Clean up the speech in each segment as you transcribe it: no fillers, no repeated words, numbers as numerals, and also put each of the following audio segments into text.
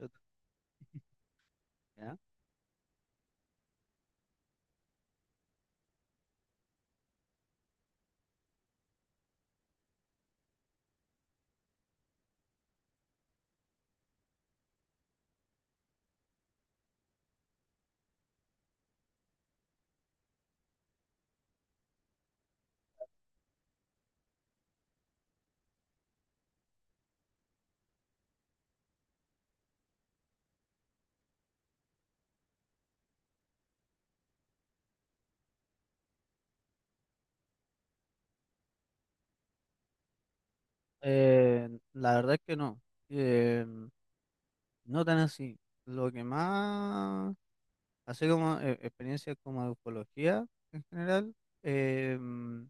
Yo- t- ¿Ya? Eh, la verdad es que no. Eh, no tan así. Lo que más, así como experiencias como de ufología en general, eh, mm,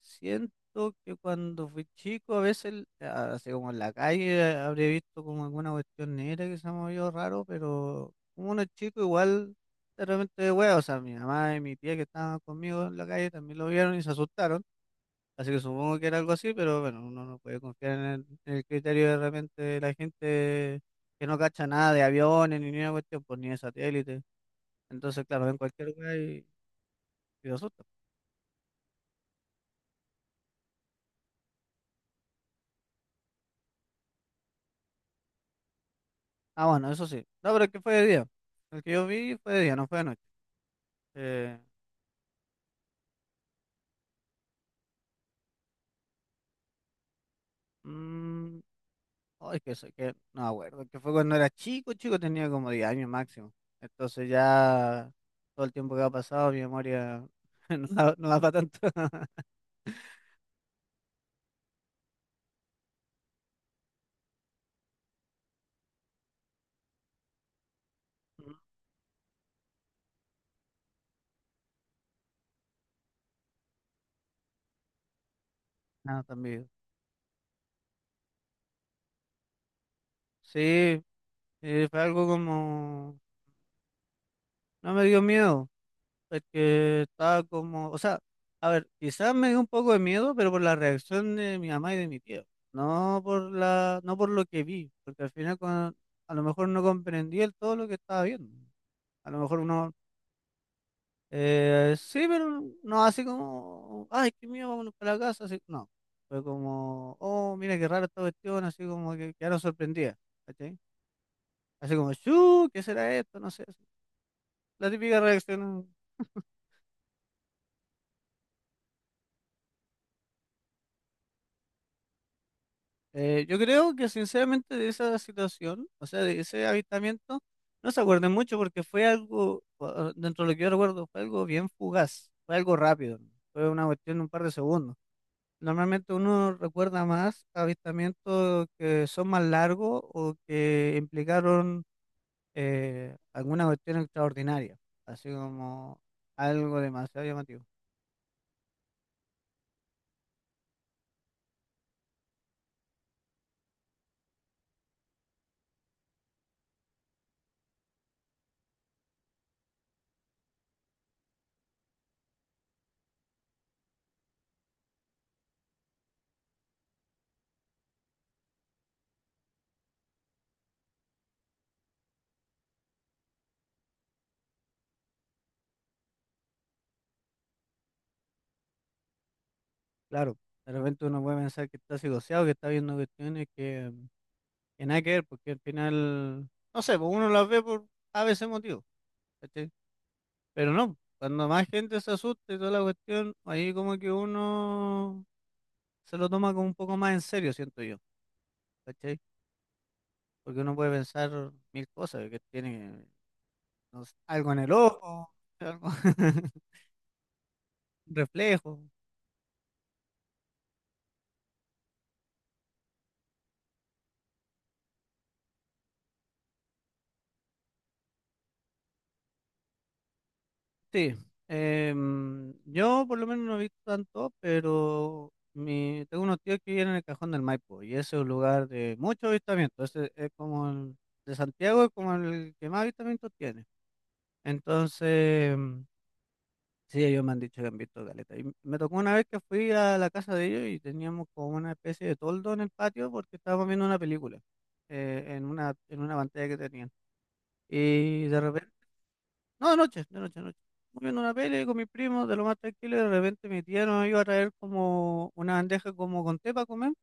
siento que cuando fui chico, a veces, así como en la calle, habría visto como alguna cuestión negra que se me movió raro, pero como uno es chico, igual de repente, hueá, o sea, mi mamá y mi tía que estaban conmigo en la calle también lo vieron y se asustaron. Así que supongo que era algo así, pero bueno, uno no puede confiar en el criterio de repente de la gente que no cacha nada de aviones ni ninguna cuestión, pues ni de satélite. Entonces, claro, ven cualquier lugar y lo asustan. Ah, bueno, eso sí. No, pero es que fue de día. El que yo vi fue de día, no fue de noche. Eh, mm, oh, es que, sé que no me acuerdo, que fue cuando era chico, chico tenía como 10 años máximo. Entonces ya todo el tiempo que ha pasado, mi memoria no da, no da para tanto. No, también. Sí. Fue algo como, no me dio miedo, porque estaba como, o sea, a ver, quizás me dio un poco de miedo, pero por la reacción de mi mamá y de mi tío, no por la, no por lo que vi, porque al final a lo mejor no comprendí el todo lo que estaba viendo, a lo mejor uno, sí, pero no así como, ay, qué miedo, vámonos para la casa, así, no, fue como, oh, mira qué rara esta cuestión, así como que quedaron sorprendidas, ¿cachai? Así como, "Chu, ¿qué será esto? No sé", así, la típica reacción. Yo creo que sinceramente de esa situación, o sea, de ese avistamiento, no se acuerden mucho porque fue algo, dentro de lo que yo recuerdo, fue algo bien fugaz, fue algo rápido, ¿no? Fue una cuestión de un par de segundos. Normalmente uno recuerda más avistamientos que son más largos o que implicaron alguna cuestión extraordinaria, así como algo demasiado llamativo. Claro, de repente uno puede pensar que está psicoseado, que está viendo cuestiones que nada que ver, porque al final, no sé, pues uno las ve por a veces motivo, ¿cachai? Pero no, cuando más gente se asusta y toda la cuestión, ahí como que uno se lo toma como un poco más en serio, siento yo, ¿cachai? Porque uno puede pensar mil cosas, que tiene no sé, algo en el ojo, algo, un reflejo. Sí, yo por lo menos no he visto tanto, pero tengo unos tíos que viven en el Cajón del Maipo y ese es un lugar de mucho avistamiento. Ese es como el de Santiago, es como el que más avistamientos tiene. Entonces, sí, ellos me han dicho que han visto caleta. Y me tocó una vez que fui a la casa de ellos y teníamos como una especie de toldo en el patio porque estábamos viendo una película en una pantalla que tenían. Y de repente no, de noche, de noche, de noche. Estamos viendo una peli con mis primos, de lo más tranquilo, y de repente mi tía nos iba a traer como una bandeja como con té para comer,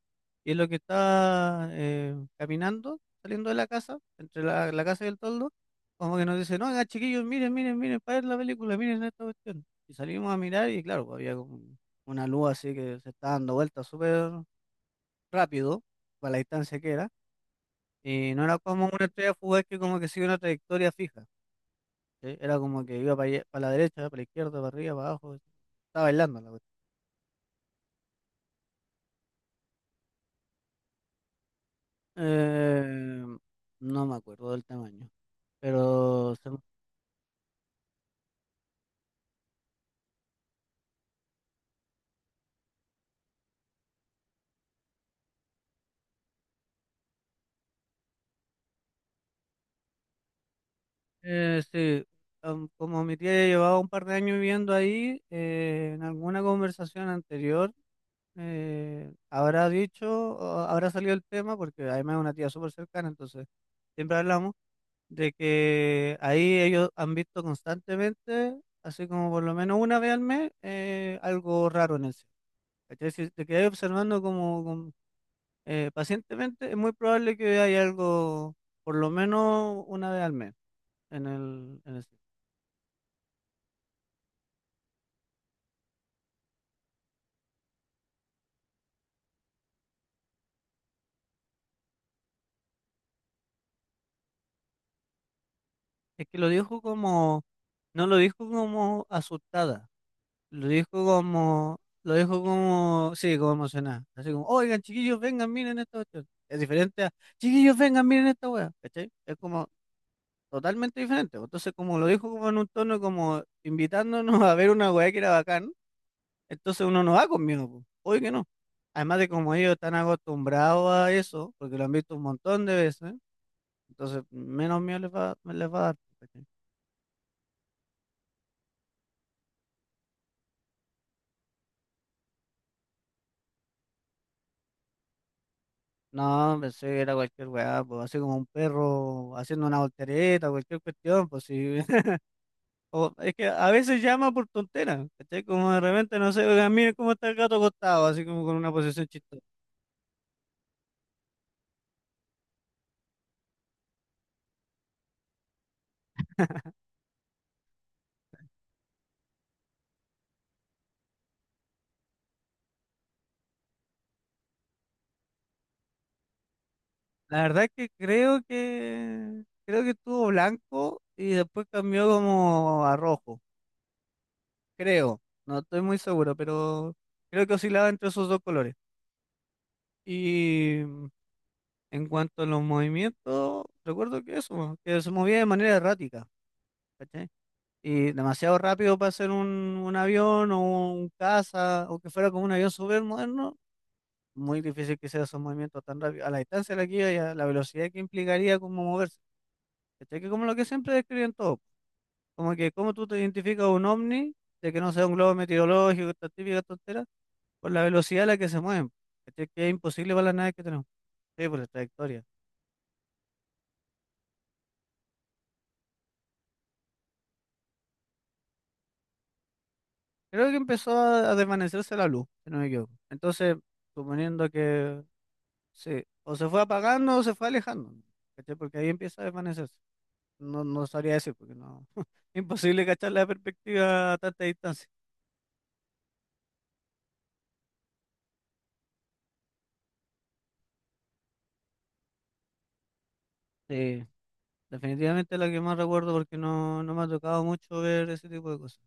y es lo que está caminando, saliendo de la casa, entre la casa y el toldo, como que nos dice, no, oigan, chiquillos, miren, miren, miren, para ver la película, miren esta cuestión. Y salimos a mirar y claro, pues, había como una luz así que se está dando vueltas súper rápido, para la distancia que era, y no era como una estrella fugaz que como que sigue una trayectoria fija. ¿Sí? Era como que iba para la derecha, para la izquierda, para arriba, para abajo. ¿Sí? Estaba bailando la cuestión. Eh, no me acuerdo del tamaño, pero sí, como mi tía ya llevaba un par de años viviendo ahí, en alguna conversación anterior habrá dicho, o habrá salido el tema, porque además es una tía súper cercana, entonces siempre hablamos de que ahí ellos han visto constantemente, así como por lo menos una vez al mes, algo raro en el cielo. ¿Cachai? Si te quedas observando pacientemente, es muy probable que haya algo, por lo menos una vez al mes, en el ciclo. Es que lo dijo como, no lo dijo como asustada, lo dijo como, sí, como emocionada. Así como, oigan, chiquillos, vengan, miren esta cuestión. Es diferente a, chiquillos, vengan, miren esta wea, ¿cachai? Es como totalmente diferente. Entonces, como lo dijo como en un tono como invitándonos a ver una wea que era bacán. Entonces uno no va conmigo, po. Obvio que no. Además de como ellos están acostumbrados a eso, porque lo han visto un montón de veces, entonces menos miedo les va, me les va a dar. ¿Cachai? No, pensé que era cualquier weá, pues así como un perro haciendo una voltereta, cualquier cuestión, pues sí. Es que a veces llama por tontera, ¿cachai? Como de repente, no sé, oigan, miren cómo está el gato acostado, así como con una posición chistosa. La verdad es que creo que estuvo blanco y después cambió como a rojo. Creo, no estoy muy seguro, pero creo que oscilaba entre esos dos colores. Y en cuanto a los movimientos, recuerdo que eso, que se movía de manera errática, ¿cachai? Y demasiado rápido para ser un avión o un caza, o que fuera como un avión súper moderno, muy difícil que sea esos movimientos tan rápidos, a la distancia de la que iba y a la velocidad que implicaría como moverse. ¿Cachai? Que como lo que siempre describen todos, como que cómo tú te identificas un ovni, de que no sea un globo meteorológico, esta típica tontera por la velocidad a la que se mueven. ¿Cachai? Que es imposible para las naves que tenemos. Sí, por la trayectoria. Creo que empezó a desvanecerse la luz, si no me equivoco. Entonces, suponiendo que sí, o se fue apagando o se fue alejando, ¿cachai? Porque ahí empieza a desvanecerse. No, no sabría decir, porque no. Imposible cachar la perspectiva a tanta distancia. Sí, definitivamente la que más recuerdo porque no, no me ha tocado mucho ver ese tipo de cosas.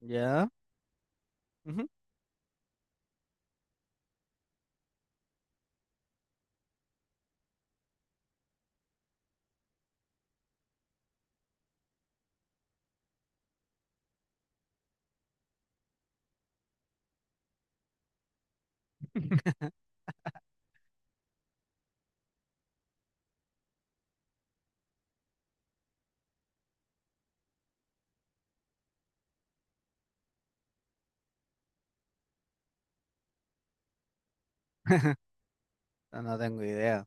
¿Ya? Ujú. No, no tengo idea.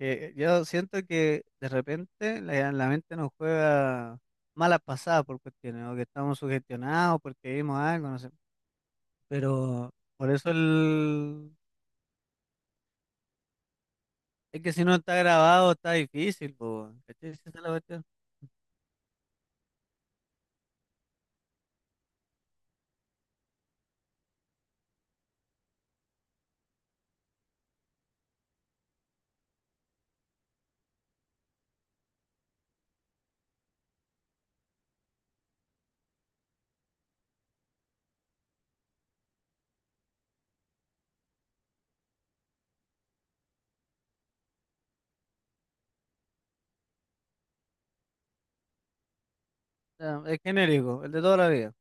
Yo siento que de repente la mente nos juega malas pasadas por cuestiones, o que estamos sugestionados porque vimos algo, no sé. Pero por eso es que si no está grabado está difícil, po, weón, ¿cachai? Si esa es la cuestión. O sea, es genérico, el de toda la vida.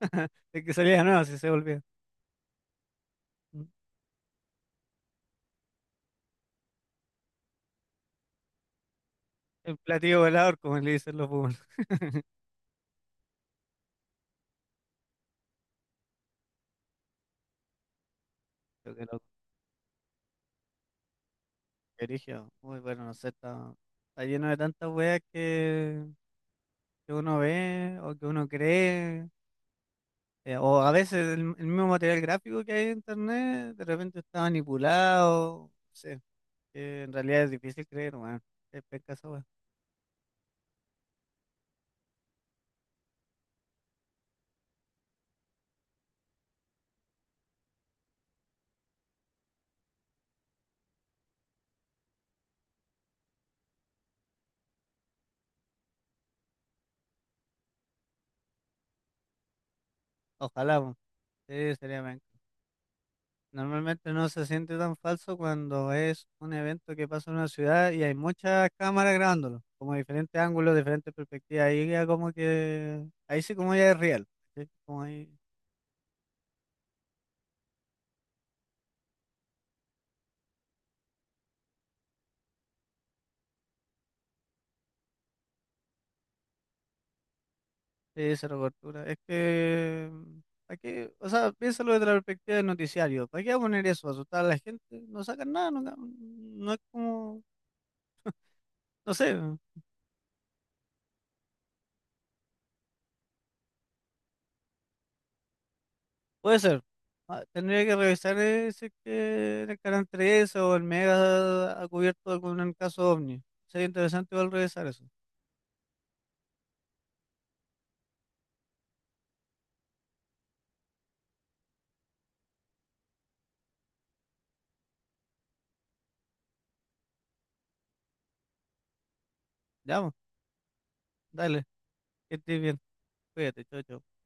El que salía de nuevo, si se volvía. El platillo velador, como le dicen los públicos. Creo que lo que origen, muy bueno, no sé, está lleno de tantas weas que uno ve o que uno cree. O a veces el mismo material gráfico que hay en internet de repente está manipulado. No sé, que en realidad es difícil creer, weón. Es penca esa weá. Ojalá, weón. Sí, sería penca. Normalmente no se siente tan falso cuando es un evento que pasa en una ciudad y hay muchas cámaras grabándolo, como diferentes ángulos, diferentes perspectivas. Ahí ya como que, ahí sí como ya es real. ¿Cachai? Como ahí Sí, cero cobertura. Es que, ¿para qué? O sea, piénsalo desde la perspectiva del noticiario. ¿Para qué va a poner eso? ¿Asustar a la gente? No sacan nada, no, no es como, no sé, puede ser. Ah, tendría que revisar si es que en el canal 13 o el Mega ha cubierto algún caso OVNI. Sería interesante igual revisar eso. Ya, vamos, dale, que estés bien. Cuídate, chao, chao.